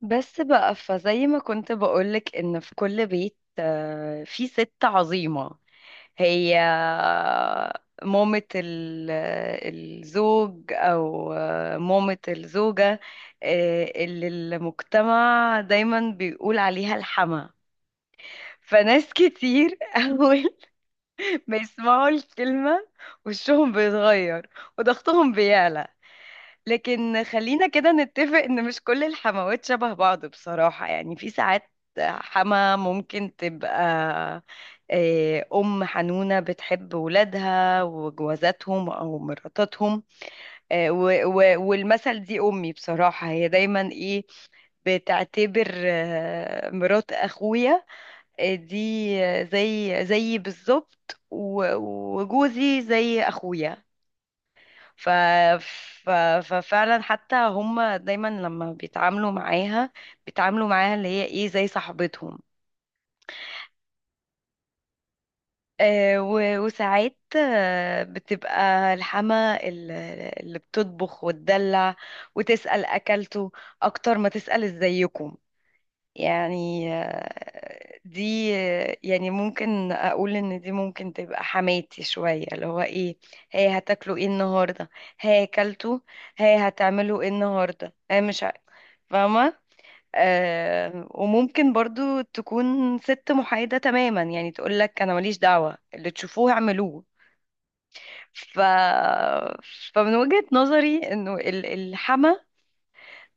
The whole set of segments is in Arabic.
بس بقى فزي ما كنت بقولك ان في كل بيت في ست عظيمة هي مامة ال- الزوج او مامة الزوجة، اللي المجتمع دايما بيقول عليها الحما. فناس كتير اول ما يسمعوا الكلمة وشهم بيتغير وضغطهم بيعلى. لكن خلينا كده نتفق ان مش كل الحموات شبه بعض، بصراحة يعني في ساعات حما ممكن تبقى أم حنونة بتحب ولادها وجوازاتهم أو مراتاتهم. والمثل دي أمي، بصراحة هي دايما إيه، بتعتبر مرات أخويا، آه، دي آه، زي بالظبط. وجوزي زي أخويا. ف... ف... ففعلا حتى هم دايما لما بيتعاملوا معاها، بيتعاملوا معاها اللي هي ايه زي صاحبتهم. وساعات بتبقى اللي بتطبخ وتدلع وتسأل أكلته أكتر ما تسأل إزيكم. يعني آه، دي آه، يعني ممكن أقول إن دي ممكن تبقى حماتي شوية، اللي هو إيه، هي هتاكلوا إيه النهاردة، هي أكلته، هي هتعملوا إيه النهاردة، هي مش فاهمة. آه وممكن برضو تكون ست محايدة تماما، يعني تقولك أنا ماليش دعوة اللي تشوفوه اعملوه. ف... فمن وجهة نظري إنه الحما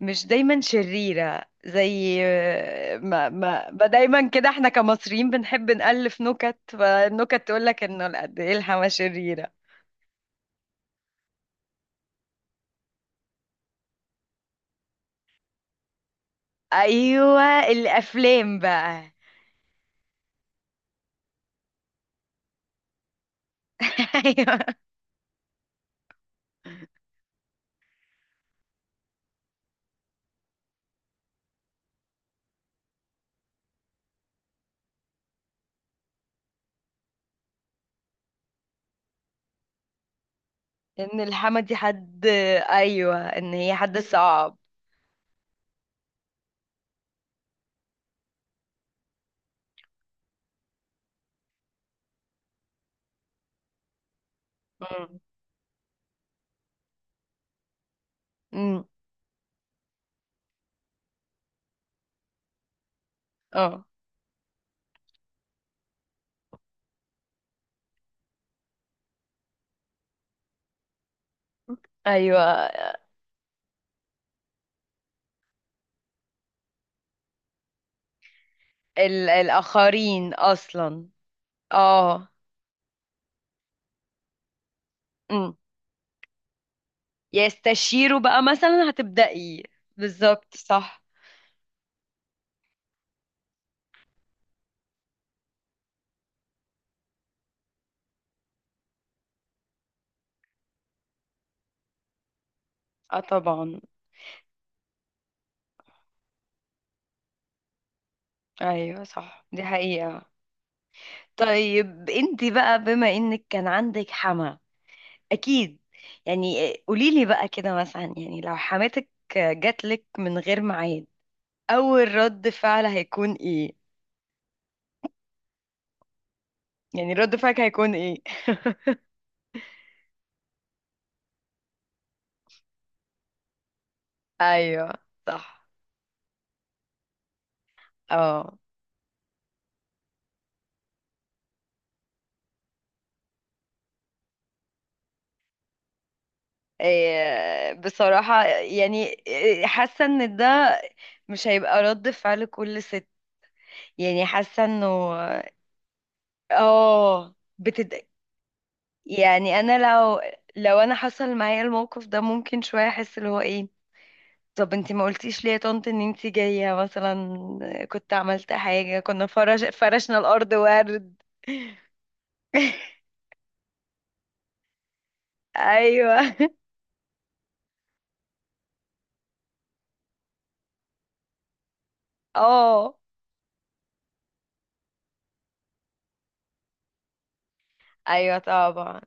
مش دايما شريرة، زي ما دايما كده احنا كمصريين بنحب نألف نكت، فالنكت تقولك إنه لا، قد إيه الحما شريرة. أيوة الأفلام بقى. أيوة، إن الحما دي حد، أيوة إن هي حد صعب. امم. اه. ايوه، الاخرين اصلا. اه. امم. يستشيروا بقى مثلا، هتبدأي. بالظبط صح. اه طبعا. ايوه صح دي حقيقة. طيب انت بقى، بما انك كان عندك حما اكيد، يعني قوليلي بقى كده مثلا، يعني لو حماتك جاتلك من غير ميعاد، اول رد فعل هيكون ايه؟ يعني رد فعلك هيكون ايه؟ ايوه صح. اه بصراحة يعني حاسة ان ده مش هيبقى رد فعل كل ست، يعني حاسة انه، اه بتد، يعني انا لو لو انا حصل معايا الموقف ده ممكن شوية احس اللي هو ايه. طب انتي ما قلتيش ليه يا طنط ان انتي جاية مثلا، كنت عملت حاجة، كنا فرش فرشنا الارض ورد. ايوه. اه ايوه طبعا.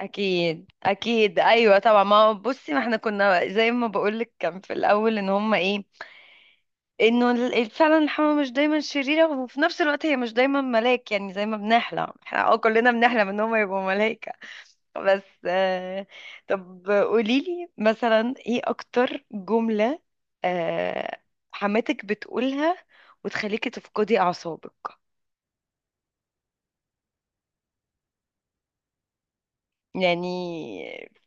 اكيد اكيد ايوه طبعا. ما هو بصي، ما احنا كنا زي ما بقولك، كان في الاول ان هما ايه، انه فعلا الحمامة مش دايما شريرة، وفي نفس الوقت هي مش دايما ملاك، يعني زي ما بنحلم احنا اه، كلنا بنحلم ان هم يبقوا ملايكة بس آه. طب قوليلي مثلا ايه اكتر جملة آه حماتك بتقولها وتخليكي تفقدي اعصابك، يعني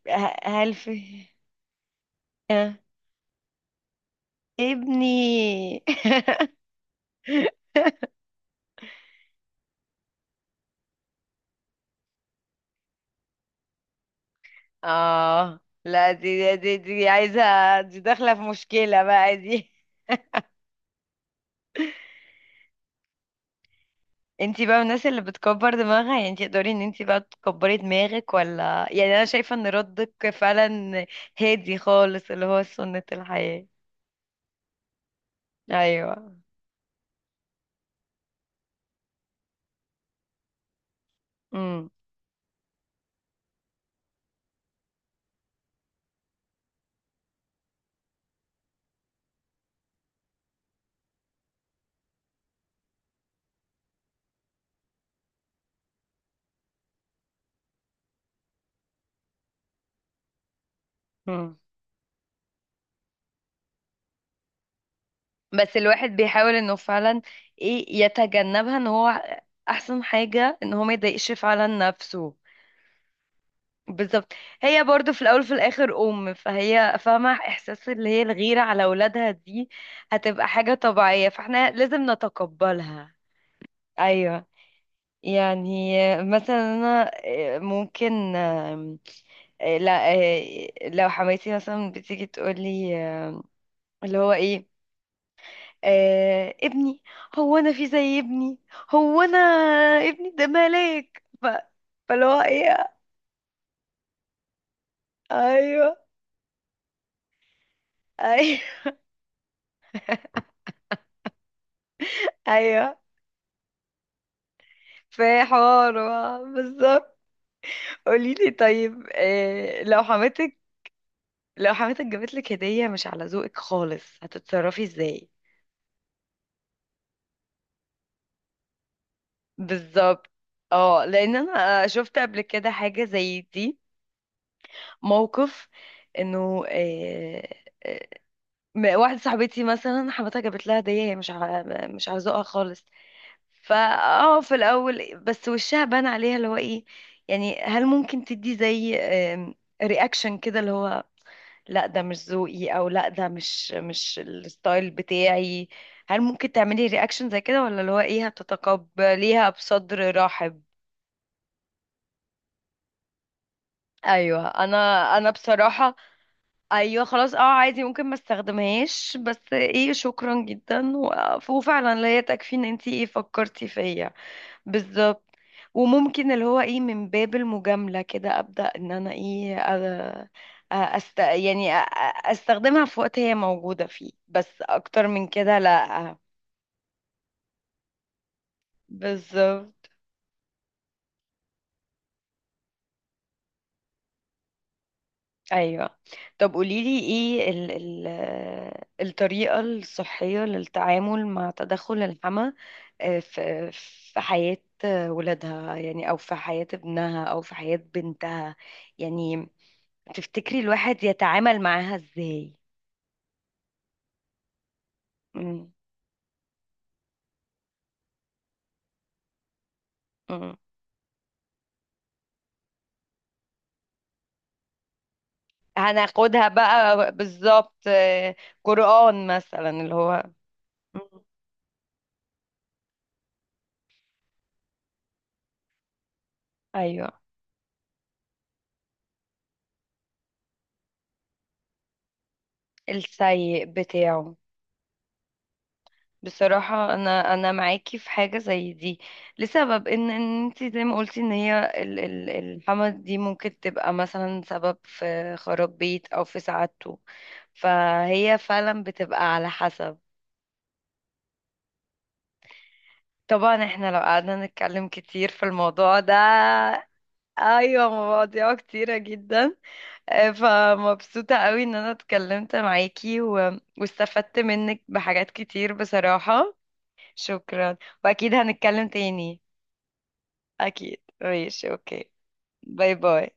هل في آه. ابني؟ اه لا، دي عايزة، دي داخلة في مشكلة بقى دي. انتي بقى من الناس اللي بتكبر دماغها، يعني انتي تقدري ان انتي بقى تكبري دماغك ولا؟ يعني انا شايفة ان ردك فعلا هادي خالص، اللي هو سنة الحياة. ايوه. امم. امم. بس الواحد بيحاول انه فعلا ايه يتجنبها، ان هو احسن حاجة ان هو ما يضايقش فعلا نفسه. بالظبط. هي برضو في الاول وفي الاخر ام، فهي فاهمه احساس اللي هي الغيره على اولادها دي، هتبقى حاجه طبيعيه فاحنا لازم نتقبلها. ايوه. يعني مثلا انا آه، ممكن آم، آه، لا آه، لو حماتي مثلا بتيجي تقولي اللي هو ايه، آه ابني، هو انا في زي ابني، هو انا، ابني ده ملاك. فاللي هو ايه. ايوه. ايوه. ايوه في حوار، بالظبط. قوليلي طيب لو حماتك جابتلك هدية مش على ذوقك خالص، هتتصرفي ازاي؟ بالظبط. اه لان انا شفت قبل كده حاجة زي دي، موقف انه آه، واحدة صاحبتي مثلا حماتها جابت لها هدية، هي مش على مش على ذوقها خالص، فا اه في الاول بس وشها بان عليها اللي هو ايه، يعني هل ممكن تدي زي رياكشن كده، اللي هو لا ده مش ذوقي، او لا ده مش مش الستايل بتاعي، هل ممكن تعملي رياكشن زي كده، ولا اللي هو ايه هتتقبليها بصدر رحب؟ ايوه. انا بصراحه ايوه خلاص اه عادي، ممكن ما استخدمهاش بس ايه شكرا جدا، وفعلا لا هي تكفي ان انتي ايه فكرتي فيا. بالظبط. وممكن اللي هو ايه من باب المجاملة كده ابدأ ان انا ايه، أ- أ- أست... يعني أ- أ- استخدمها في وقت هي موجودة فيه، بس اكتر من كده لا. بالظبط. ايوه طب قوليلي ايه الطريقة الصحية للتعامل مع تدخل الحمى في في حياة ولادها، يعني او في حياة ابنها او في حياة بنتها، يعني تفتكري الواحد يتعامل معاها ازاي؟ مم. مم. هناخدها بقى بالظبط، قرآن مثلا اللي هو. مم. ايوه السيء بتاعه. بصراحة انا معاكي في حاجة زي دي، لسبب ان ان انت زي ما قلتي ان هي الحما دي ممكن تبقى مثلا سبب في خراب بيت او في سعادته، فهي فعلا بتبقى على حسب. طبعا احنا لو قعدنا نتكلم كتير في الموضوع ده. ايوه مواضيع كتيرة جدا. فمبسوطة قوي ان انا اتكلمت معاكي واستفدت منك بحاجات كتير بصراحة. شكرا واكيد هنتكلم تاني. اكيد ماشي اوكي. باي باي.